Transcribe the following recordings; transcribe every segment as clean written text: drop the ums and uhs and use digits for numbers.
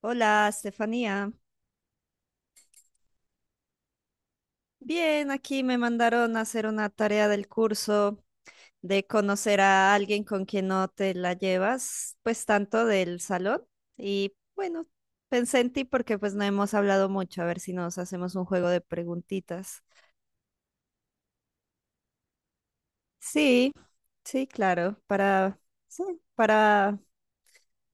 Hola, Estefanía. Bien, aquí me mandaron a hacer una tarea del curso de conocer a alguien con quien no te la llevas, pues tanto del salón. Y bueno, pensé en ti porque pues no hemos hablado mucho, a ver si nos hacemos un juego de preguntitas. Sí, sí, claro, sí, para,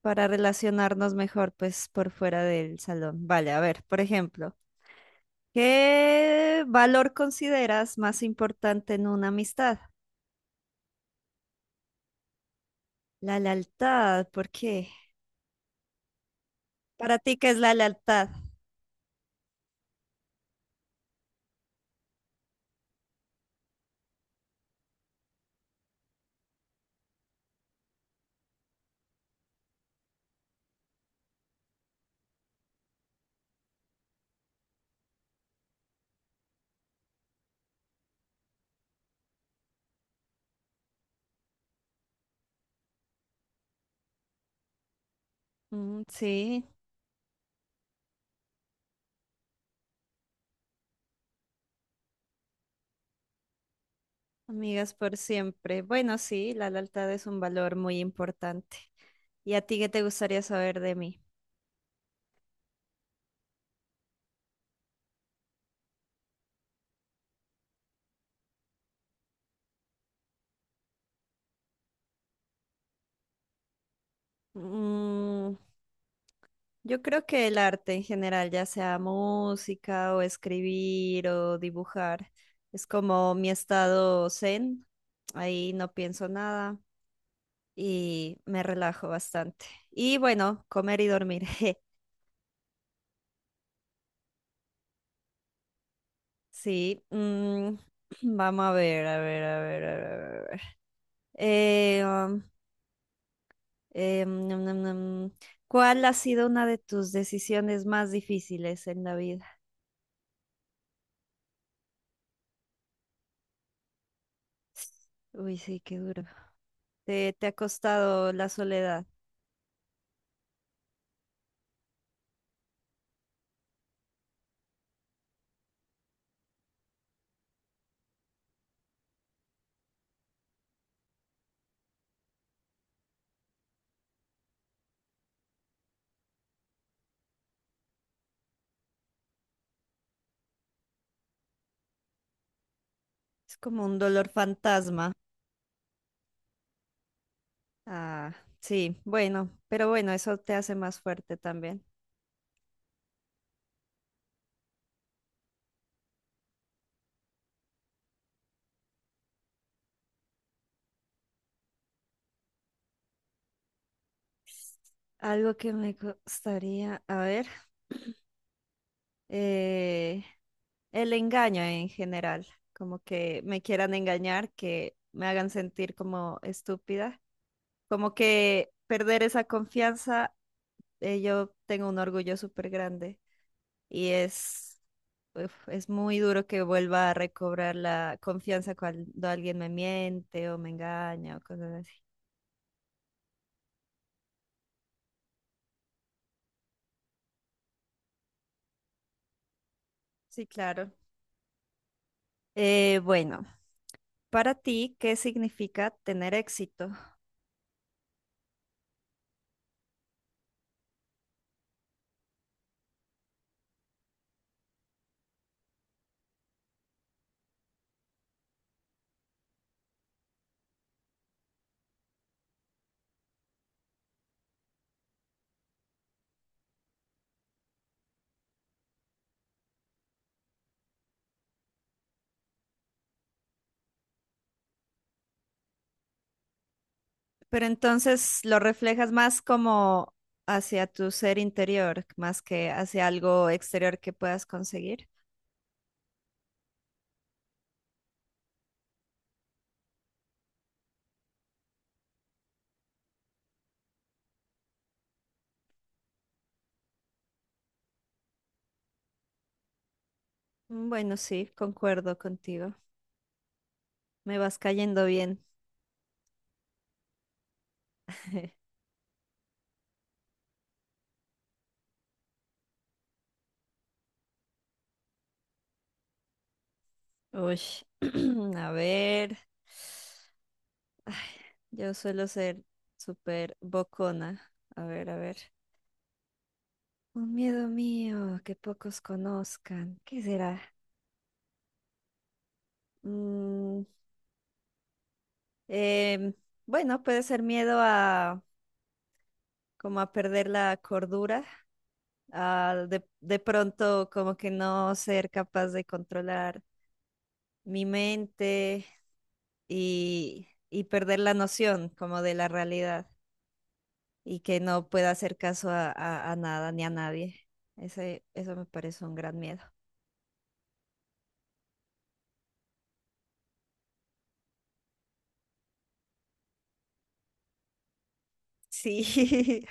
para relacionarnos mejor pues por fuera del salón. Vale, a ver, por ejemplo, ¿qué valor consideras más importante en una amistad? La lealtad, ¿por qué? Para ti, ¿qué es la lealtad? Mm, sí, amigas por siempre. Bueno, sí, la lealtad es un valor muy importante. ¿Y a ti qué te gustaría saber de mí? Mm, yo creo que el arte en general, ya sea música o escribir o dibujar, es como mi estado zen. Ahí no pienso nada y me relajo bastante. Y bueno, comer y dormir. Sí, vamos a ver, a ver. Um, mm, mm, mm, mm. ¿Cuál ha sido una de tus decisiones más difíciles en la vida? Uy, sí, qué duro. Te ha costado la soledad. Es como un dolor fantasma. Ah, sí, bueno, pero bueno, eso te hace más fuerte también. Algo que me gustaría, a ver. eh, el engaño en general, como que me quieran engañar, que me hagan sentir como estúpida, como que perder esa confianza, yo tengo un orgullo súper grande y es muy duro que vuelva a recobrar la confianza cuando alguien me miente o me engaña o cosas así. Sí, claro. Bueno, para ti, ¿qué significa tener éxito? Pero entonces lo reflejas más como hacia tu ser interior, más que hacia algo exterior que puedas conseguir. Mm, bueno, sí, concuerdo contigo. Me vas cayendo bien. Uy, a ver, yo suelo ser súper bocona. A ver, a ver. Un miedo mío que pocos conozcan. ¿Qué será? Mm, em, bueno, puede ser miedo a como a perder la cordura. A de pronto como que no ser capaz de controlar mi mente y perder la noción como de la realidad y que no pueda hacer caso a nada ni a nadie. Eso me parece un gran miedo. Sí,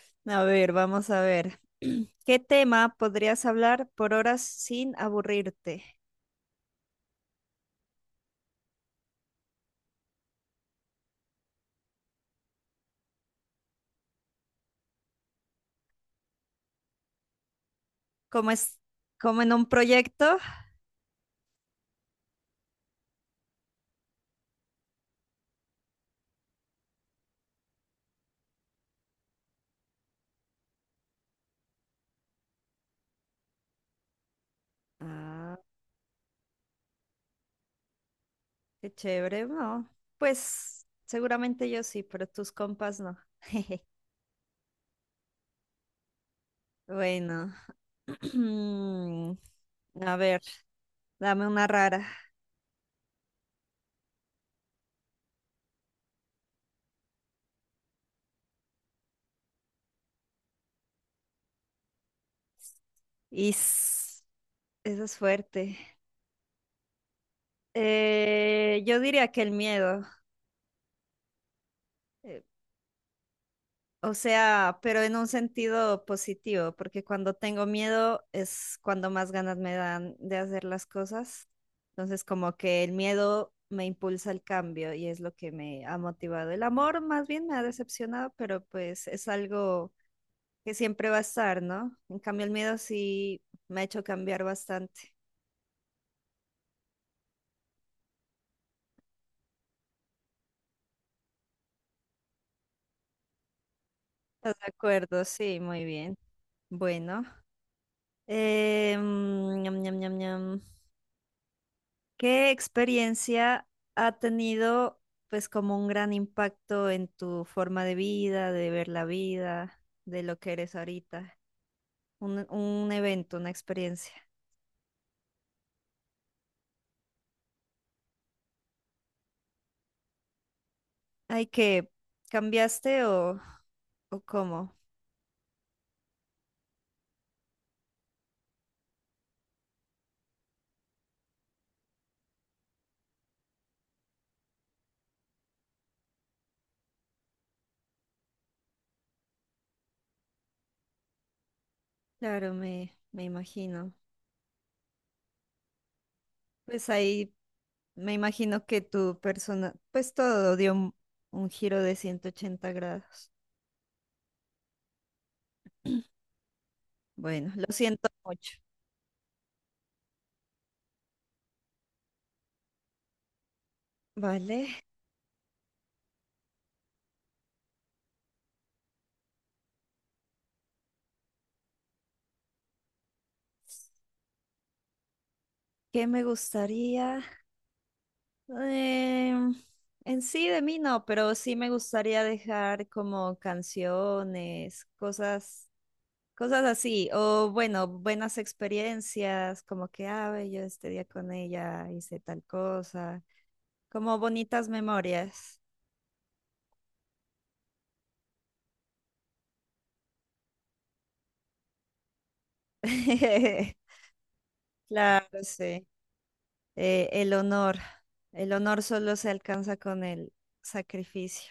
vamos a ver. ¿Qué tema podrías hablar por horas sin aburrirte? ¿Cómo es? ¿Como en un proyecto? Qué chévere, ¿no? Pues seguramente yo sí, pero tus compas no. Bueno, a ver, dame una rara. Is, esa es fuerte. Yo diría que el miedo. Eh, O sea, pero en un sentido positivo, porque cuando tengo miedo es cuando más ganas me dan de hacer las cosas. Entonces, como que el miedo me impulsa al cambio y es lo que me ha motivado. El amor más bien me ha decepcionado, pero pues es algo que siempre va a estar, ¿no? En cambio, el miedo sí me ha hecho cambiar bastante. ¿Estás de acuerdo? Sí, muy bien. Bueno. Mm, ñam, ñam, ñam, ñam. ¿Qué experiencia ha tenido, pues, como un gran impacto en tu forma de vida, de ver la vida, de lo que eres ahorita? Un evento, una experiencia. Ay, ¿que cambiaste o cómo? Claro, me imagino. Pues ahí me imagino que tu persona, pues todo dio un giro de 180 grados. Bueno, lo siento mucho. Vale, ¿qué me gustaría? Eh, en sí de mí no, pero sí me gustaría dejar como canciones, cosas así, o bueno, buenas experiencias, como que, ah, ve, yo este día con ella hice tal cosa, como bonitas memorias. Claro, sí. Eh, el honor, el honor solo se alcanza con el sacrificio.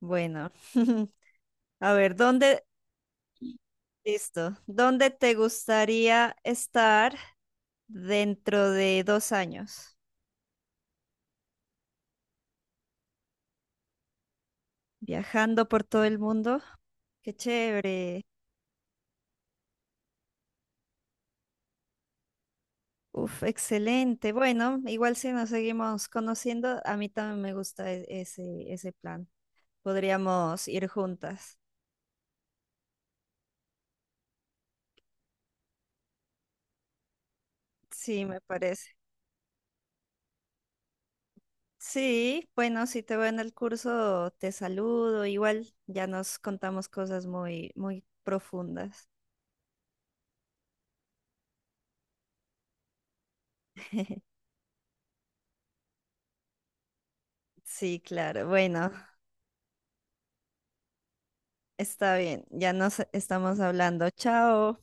Bueno, a ver, listo, ¿dónde te gustaría estar? Dentro de 2 años, viajando por todo el mundo. Qué chévere. Uf, excelente. Bueno, igual si nos seguimos conociendo, a mí también me gusta ese plan. Podríamos ir juntas. Sí, me parece. Sí, bueno, si te veo en el curso, te saludo. Igual ya nos contamos cosas muy, muy profundas. Sí, claro. Bueno, está bien. Ya nos estamos hablando. Chao.